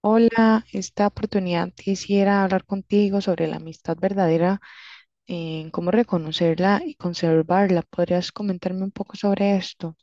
Hola, esta oportunidad quisiera hablar contigo sobre la amistad verdadera, en cómo reconocerla y conservarla. ¿Podrías comentarme un poco sobre esto?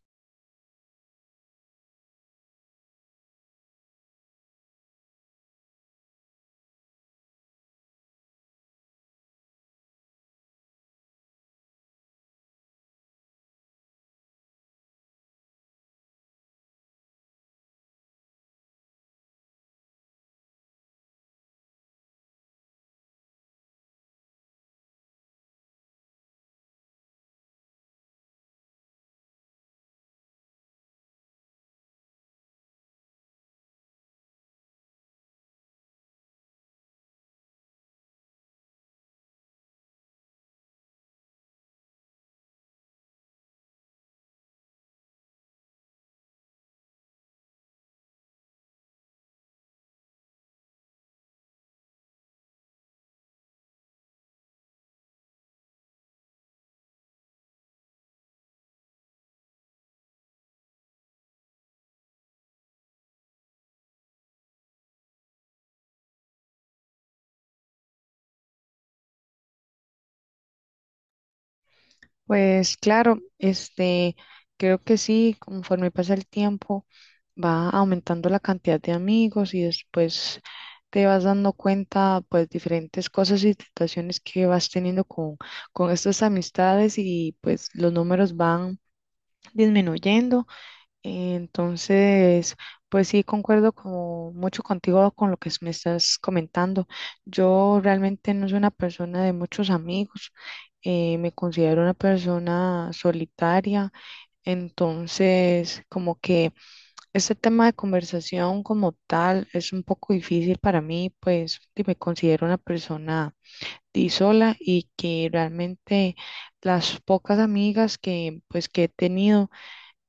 Pues claro, creo que sí, conforme pasa el tiempo, va aumentando la cantidad de amigos y después te vas dando cuenta, pues, diferentes cosas y situaciones que vas teniendo con estas amistades y pues los números van disminuyendo. Entonces, pues sí, concuerdo como mucho contigo con lo que me estás comentando. Yo realmente no soy una persona de muchos amigos, me considero una persona solitaria, entonces como que este tema de conversación como tal es un poco difícil para mí, pues y me considero una persona di sola y que realmente las pocas amigas que he tenido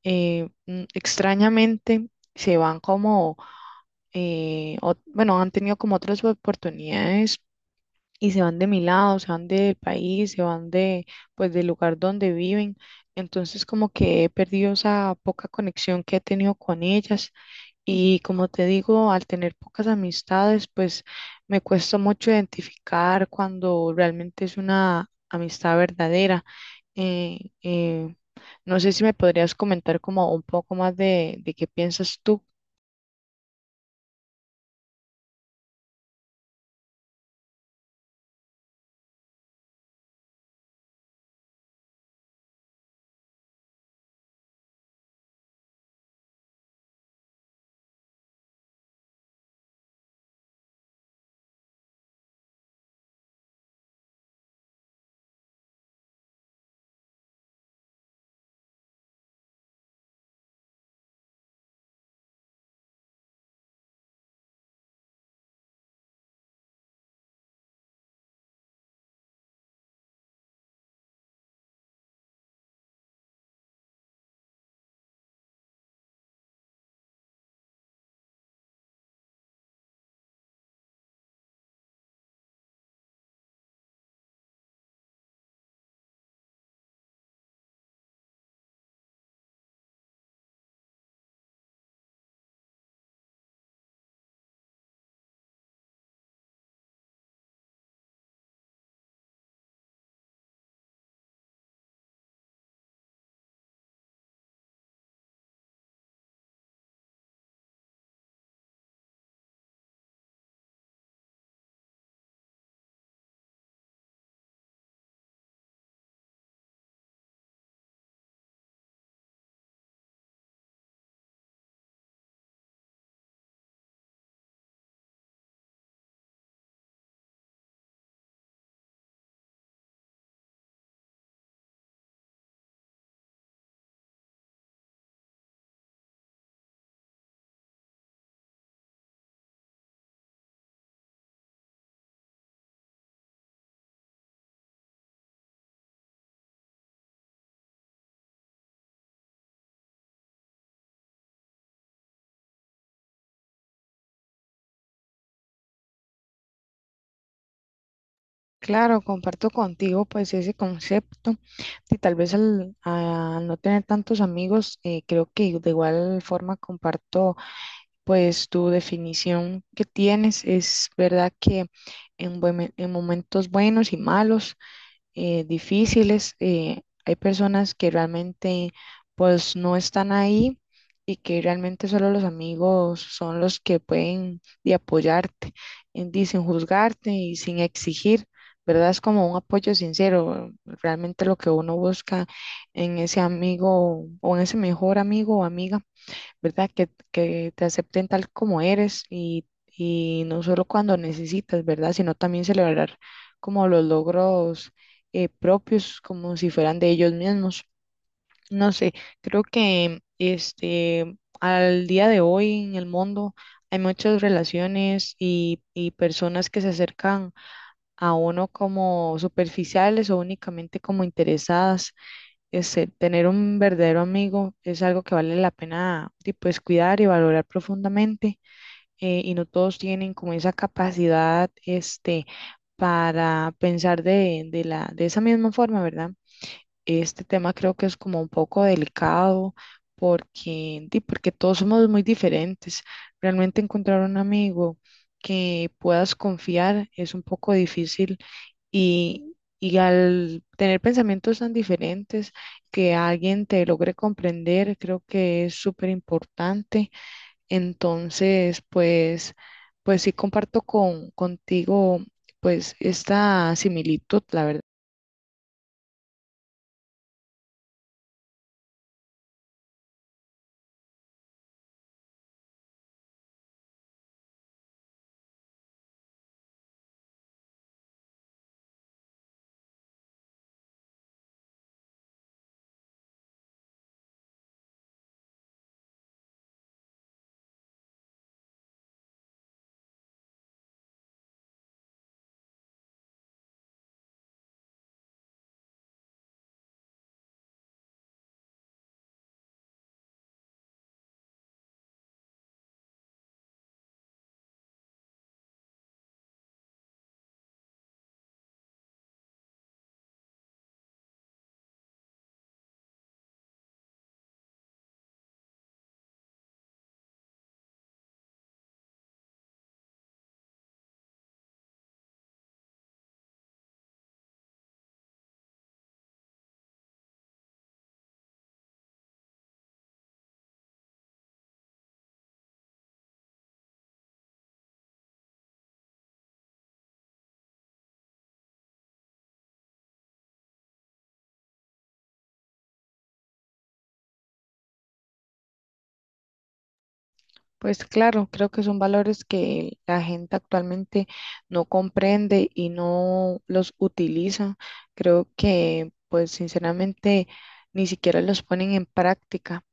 eh, mm, extrañamente se van han tenido como otras oportunidades y se van de mi lado, se van del país, pues, del lugar donde viven. Entonces como que he perdido esa poca conexión que he tenido con ellas y como te digo, al tener pocas amistades, pues me cuesta mucho identificar cuando realmente es una amistad verdadera. eh, eh, no sé si me podrías comentar como un poco más de qué piensas tú. Claro, comparto contigo pues ese concepto y tal vez al no tener tantos amigos, creo que de igual forma comparto pues tu definición que tienes. Es verdad que en momentos buenos y malos, difíciles, hay personas que realmente pues no están ahí y que realmente solo los amigos son los que pueden y apoyarte, sin juzgarte y sin exigir, ¿verdad? Es como un apoyo sincero, realmente lo que uno busca en ese amigo o en ese mejor amigo o amiga. ¿Verdad? Que te acepten tal como eres y no solo cuando necesitas, ¿verdad? Sino también celebrar como los logros propios, como si fueran de ellos mismos. No sé, creo que al día de hoy en el mundo hay muchas relaciones y personas que se acercan a uno como superficiales o únicamente como interesadas. Tener un verdadero amigo es algo que vale la pena, y, pues, cuidar y valorar profundamente. Y no todos tienen como esa capacidad, para pensar de esa misma forma, ¿verdad? Este tema creo que es como un poco delicado porque, porque todos somos muy diferentes. Realmente encontrar un amigo que puedas confiar es un poco difícil y al tener pensamientos tan diferentes, que alguien te logre comprender, creo que es súper importante. Entonces, pues, pues sí comparto contigo, pues, esta similitud, la verdad. Pues claro, creo que son valores que la gente actualmente no comprende y no los utiliza. Creo que, pues sinceramente, ni siquiera los ponen en práctica.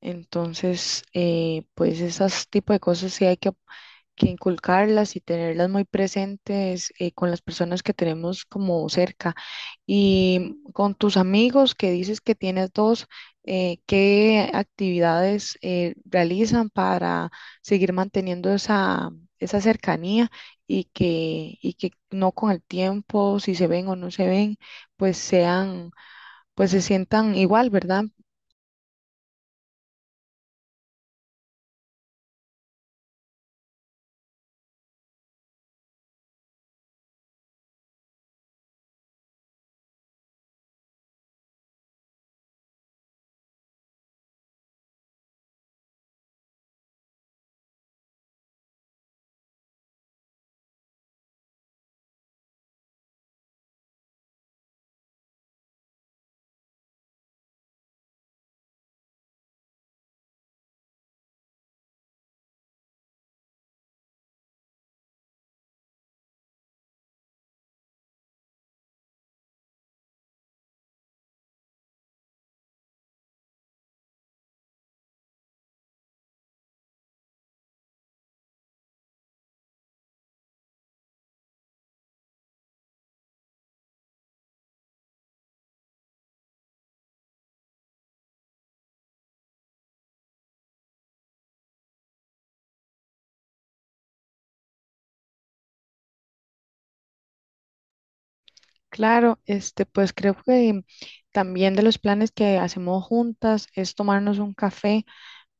Entonces, pues esos tipo de cosas sí hay que inculcarlas y tenerlas muy presentes, con las personas que tenemos como cerca. Y con tus amigos que dices que tienes dos, ¿qué actividades realizan para seguir manteniendo esa cercanía y y que no con el tiempo, si se ven o no se ven, pues sean, pues se sientan igual, ¿verdad? Claro, pues creo que también de los planes que hacemos juntas es tomarnos un café.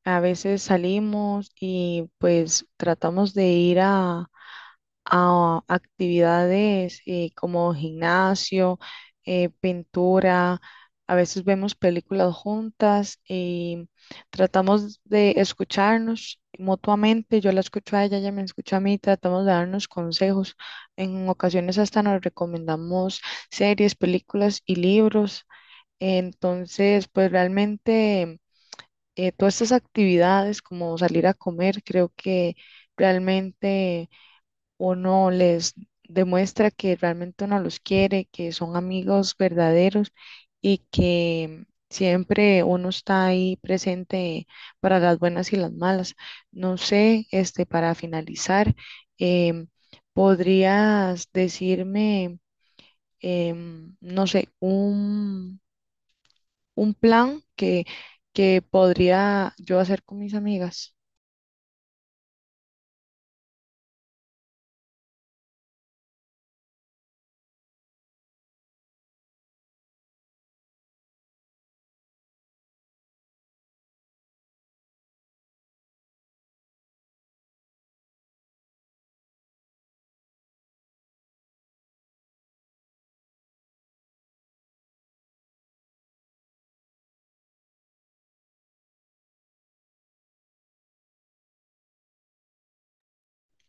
A veces salimos y pues tratamos de ir a actividades, como gimnasio, pintura. A veces vemos películas juntas y tratamos de escucharnos mutuamente. Yo la escucho a ella, ella me escucha a mí, tratamos de darnos consejos. En ocasiones hasta nos recomendamos series, películas y libros. Entonces, pues realmente, todas estas actividades como salir a comer, creo que realmente uno les demuestra que realmente uno los quiere, que son amigos verdaderos y que siempre uno está ahí presente para las buenas y las malas. No sé, para finalizar, em, ¿podrías decirme, no sé, un plan que podría yo hacer con mis amigas?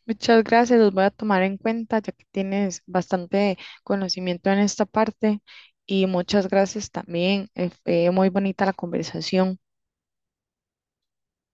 Muchas gracias, los voy a tomar en cuenta ya que tienes bastante conocimiento en esta parte y muchas gracias también. Fue muy bonita la conversación.